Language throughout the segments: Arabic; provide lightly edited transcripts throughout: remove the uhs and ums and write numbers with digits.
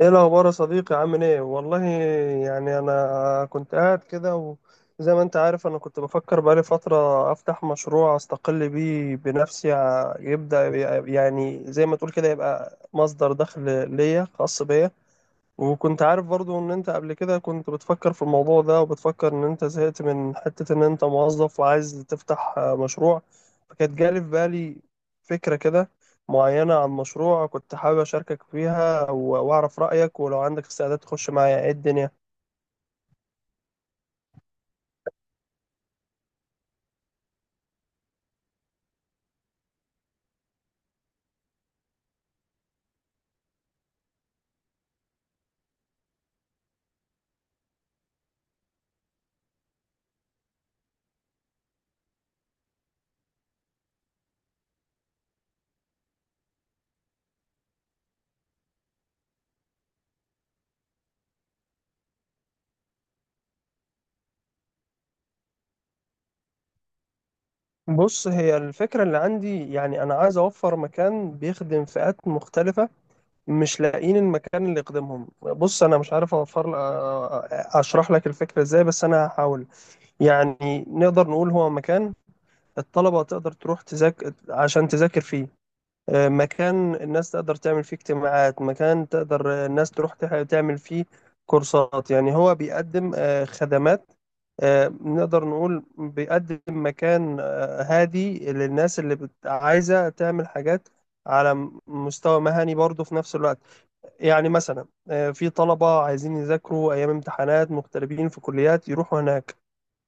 ايه الاخبار يا صديقي، عامل ايه؟ والله يعني انا كنت قاعد كده. وزي ما انت عارف انا كنت بفكر بقالي فترة افتح مشروع استقل بيه بنفسي، يبدأ، يعني زي ما تقول كده يبقى مصدر دخل ليا خاص بيا. وكنت عارف برضو ان انت قبل كده كنت بتفكر في الموضوع ده، وبتفكر ان انت زهقت من حتة ان انت موظف وعايز تفتح مشروع. فكانت جالي في بالي فكرة كده معينة عن مشروع كنت حابب اشاركك فيها، واعرف رأيك، ولو عندك استعداد تخش معايا ايه الدنيا. بص، هي الفكرة اللي عندي، يعني انا عايز اوفر مكان بيخدم فئات مختلفة مش لاقيين المكان اللي يخدمهم. بص انا مش عارف اوفر، اشرح لك الفكرة ازاي، بس انا هحاول. يعني نقدر نقول هو مكان الطلبة تقدر تروح تذاكر عشان تذاكر فيه. مكان الناس تقدر تعمل فيه اجتماعات، مكان تقدر الناس تروح تعمل فيه كورسات. يعني هو بيقدم خدمات. نقدر نقول بيقدم مكان هادي للناس اللي عايزة تعمل حاجات على مستوى مهني برضه في نفس الوقت. يعني مثلا في طلبة عايزين يذاكروا أيام امتحانات، مغتربين في كليات يروحوا هناك.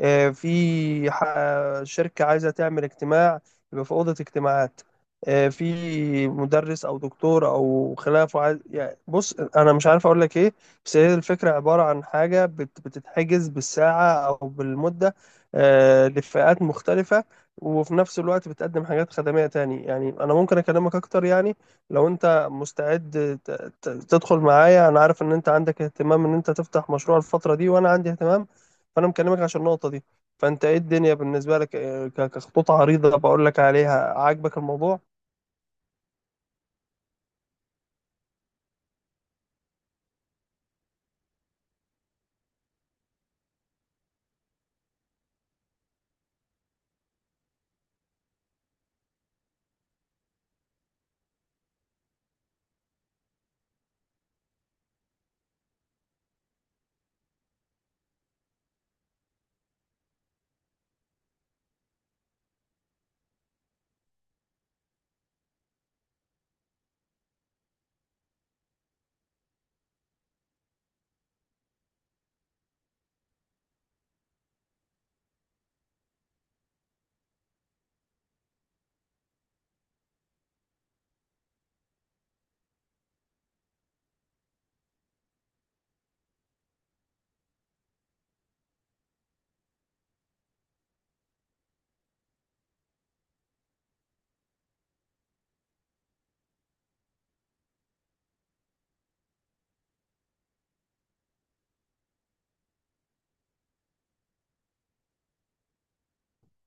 في شركة عايزة تعمل اجتماع، يبقى في أوضة اجتماعات. في مدرس أو دكتور أو خلافه عايز، يعني بص أنا مش عارف أقول لك إيه، بس هي الفكرة عبارة عن حاجة بتتحجز بالساعة أو بالمدة لفئات مختلفة، وفي نفس الوقت بتقدم حاجات خدمية تاني. يعني أنا ممكن أكلمك أكتر، يعني لو أنت مستعد تدخل معايا. أنا عارف إن أنت عندك اهتمام إن أنت تفتح مشروع الفترة دي، وأنا عندي اهتمام، فانا مكلمك عشان النقطه دي. فانت ايه الدنيا بالنسبه لك؟ كخطوط عريضه بقول لك عليها، عاجبك الموضوع؟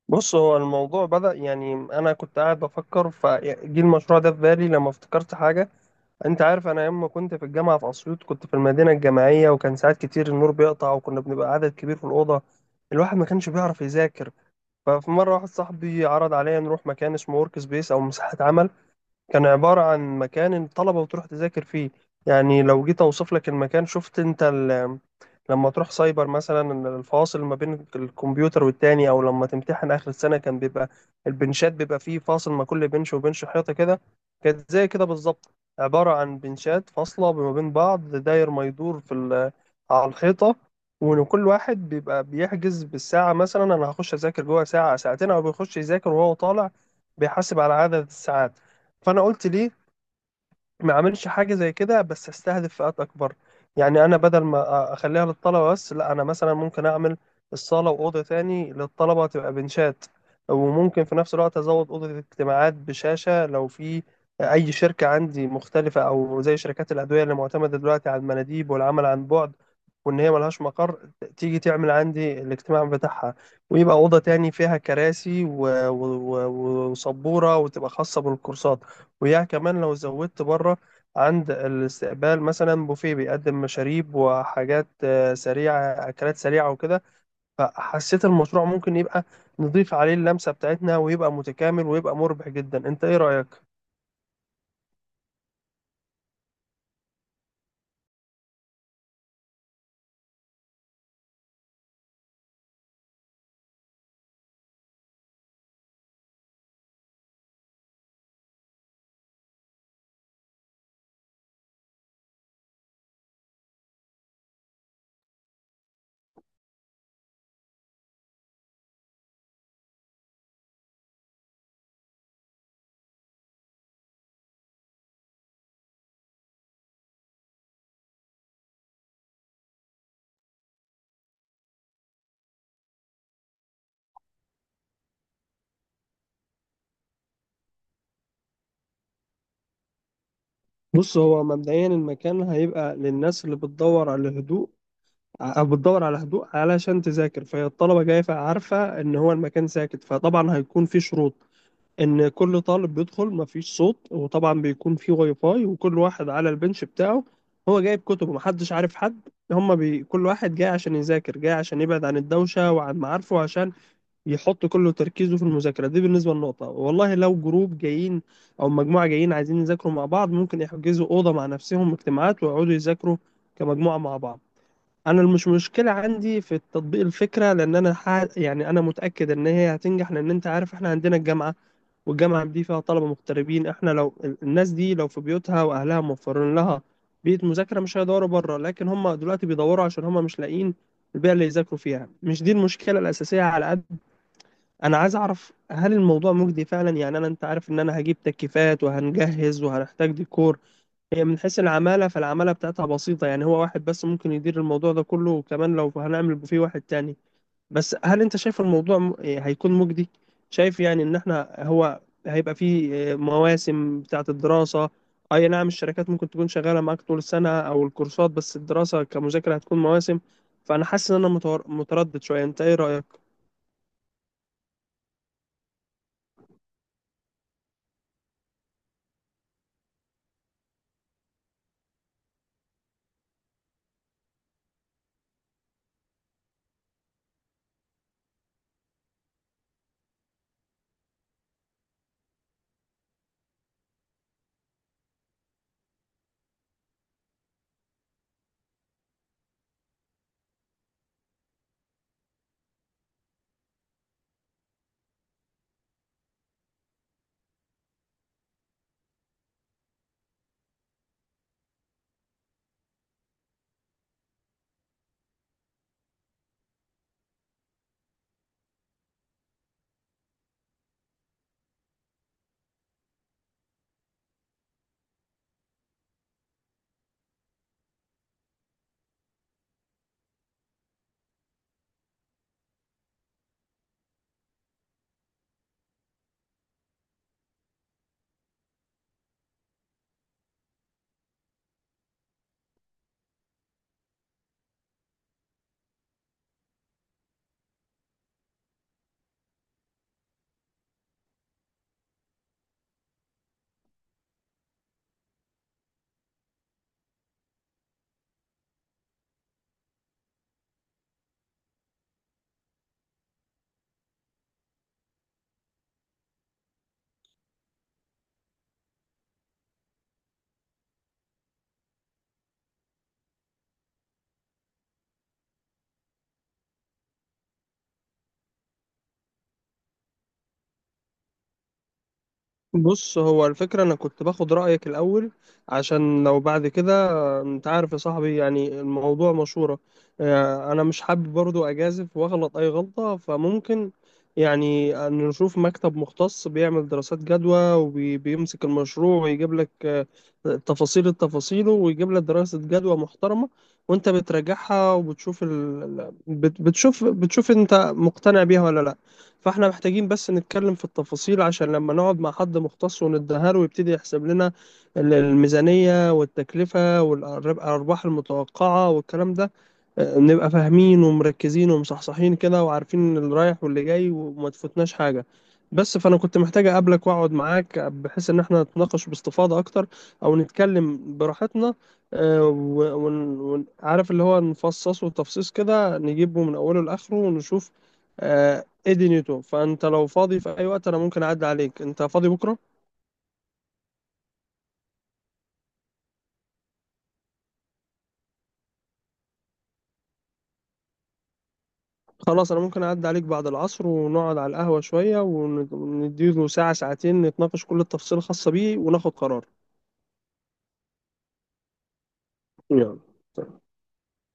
بص، هو الموضوع بدأ، يعني انا كنت قاعد بفكر فجي المشروع ده في بالي لما افتكرت حاجه. انت عارف انا لما كنت في الجامعه في اسيوط كنت في المدينه الجامعيه، وكان ساعات كتير النور بيقطع وكنا بنبقى عدد كبير في الاوضه، الواحد ما كانش بيعرف يذاكر. ففي مره واحد صاحبي عرض عليا نروح مكان اسمه ورك سبيس او مساحه عمل، كان عبارة عن مكان الطلبة بتروح تذاكر فيه. يعني لو جيت أوصف لك المكان، شفت أنت لما تروح سايبر مثلا، الفاصل ما بين الكمبيوتر والتاني، أو لما تمتحن آخر السنة كان بيبقى البنشات بيبقى فيه فاصل ما كل بنش وبنش، حيطة كده. كانت زي كده بالظبط، عبارة عن بنشات فاصلة ما بين بعض، داير ما يدور في على الحيطة. وإن كل واحد بيبقى بيحجز بالساعة، مثلا أنا هخش أذاكر جوه ساعة ساعتين، أو بيخش يذاكر وهو طالع بيحاسب على عدد الساعات. فانا قلت ليه ما اعملش حاجه زي كده، بس استهدف فئات اكبر. يعني انا بدل ما اخليها للطلبه بس، لا انا مثلا ممكن اعمل الصاله واوضه تاني للطلبه تبقى بنشات، وممكن في نفس الوقت ازود اوضه الاجتماعات بشاشه لو في اي شركه عندي مختلفه، او زي شركات الادويه اللي معتمده دلوقتي على المناديب والعمل عن بعد وان هي ملهاش مقر، تيجي تعمل عندي الاجتماع بتاعها، ويبقى اوضه تاني فيها كراسي وسبوره وتبقى خاصه بالكورسات. ويا كمان لو زودت بره عند الاستقبال مثلا بوفيه بيقدم مشاريب وحاجات سريعة، أكلات سريعة وكده. فحسيت المشروع ممكن يبقى، نضيف عليه اللمسة بتاعتنا ويبقى متكامل ويبقى مربح جدا. انت ايه رأيك؟ بص، هو مبدئيا المكان هيبقى للناس اللي بتدور على هدوء، أو بتدور على هدوء علشان تذاكر، فهي الطلبة جاية عارفة إن هو المكان ساكت، فطبعا هيكون في شروط ان كل طالب بيدخل مفيش صوت. وطبعا بيكون في واي فاي وكل واحد على البنش بتاعه، هو جايب كتبه محدش عارف حد. هما كل واحد جاي عشان يذاكر، جاي عشان يبعد عن الدوشة وعن معارفه عشان يحط كله تركيزه في المذاكرة. دي بالنسبة للنقطة. والله لو جروب جايين او مجموعة جايين عايزين يذاكروا مع بعض، ممكن يحجزوا أوضة مع نفسهم اجتماعات ويقعدوا يذاكروا كمجموعة مع بعض. انا مش مشكله عندي في التطبيق الفكره، لان انا يعني انا متاكد ان هي هتنجح، لان انت عارف احنا عندنا الجامعه، والجامعة دي فيها طلبة مغتربين. احنا لو الناس دي لو في بيوتها واهلها موفرين لها بيئة مذاكرة مش هيدوروا بره، لكن هم دلوقتي بيدوروا عشان هم مش لاقيين البيئة اللي يذاكروا فيها. مش دي المشكلة الأساسية، على قد أنا عايز أعرف هل الموضوع مجدي فعلا. يعني أنا، أنت عارف إن أنا هجيب تكييفات وهنجهز وهنحتاج ديكور. هي من حيث العمالة فالعمالة بتاعتها بسيطة، يعني هو واحد بس ممكن يدير الموضوع ده كله، وكمان لو هنعمل بوفيه واحد تاني. بس هل انت شايف الموضوع هيكون مجدي؟ شايف يعني ان احنا، هو هيبقى فيه مواسم بتاعة الدراسة. اي نعم، الشركات ممكن تكون شغالة معاك طول السنة او الكورسات، بس الدراسة كمذاكرة هتكون مواسم. فانا حاسس ان انا متردد شوية. انت ايه رأيك؟ بص، هو الفكرة أنا كنت باخد رأيك الأول، عشان لو بعد كده، أنت عارف يا صاحبي يعني الموضوع مشورة. أنا مش حابب برضو أجازف وأغلط أي غلطة، فممكن يعني أن نشوف مكتب مختص بيعمل دراسات جدوى وبيمسك المشروع ويجيب لك التفاصيل، ويجيب لك دراسة جدوى محترمة، وأنت بتراجعها وبتشوف بتشوف أنت مقتنع بيها ولا لأ. فاحنا محتاجين بس نتكلم في التفاصيل، عشان لما نقعد مع حد مختص وندهره ويبتدي يحسب لنا الميزانية والتكلفة والأرباح المتوقعة والكلام ده، نبقى فاهمين ومركزين ومصحصحين كده، وعارفين اللي رايح واللي جاي، وما تفوتناش حاجة. بس فأنا كنت محتاج أقابلك وأقعد معاك بحيث إن احنا نتناقش باستفاضة أكتر، أو نتكلم براحتنا. عارف اللي هو، نفصصه تفصيص كده، نجيبه من أوله لآخره ونشوف. آه، ادي نيوتو. فانت لو فاضي في اي وقت انا ممكن اعدي عليك، انت فاضي بكره؟ خلاص انا ممكن اعدي عليك بعد العصر، ونقعد على القهوه شويه ونديله ساعه ساعتين نتناقش كل التفاصيل الخاصه بيه وناخد قرار. يلا.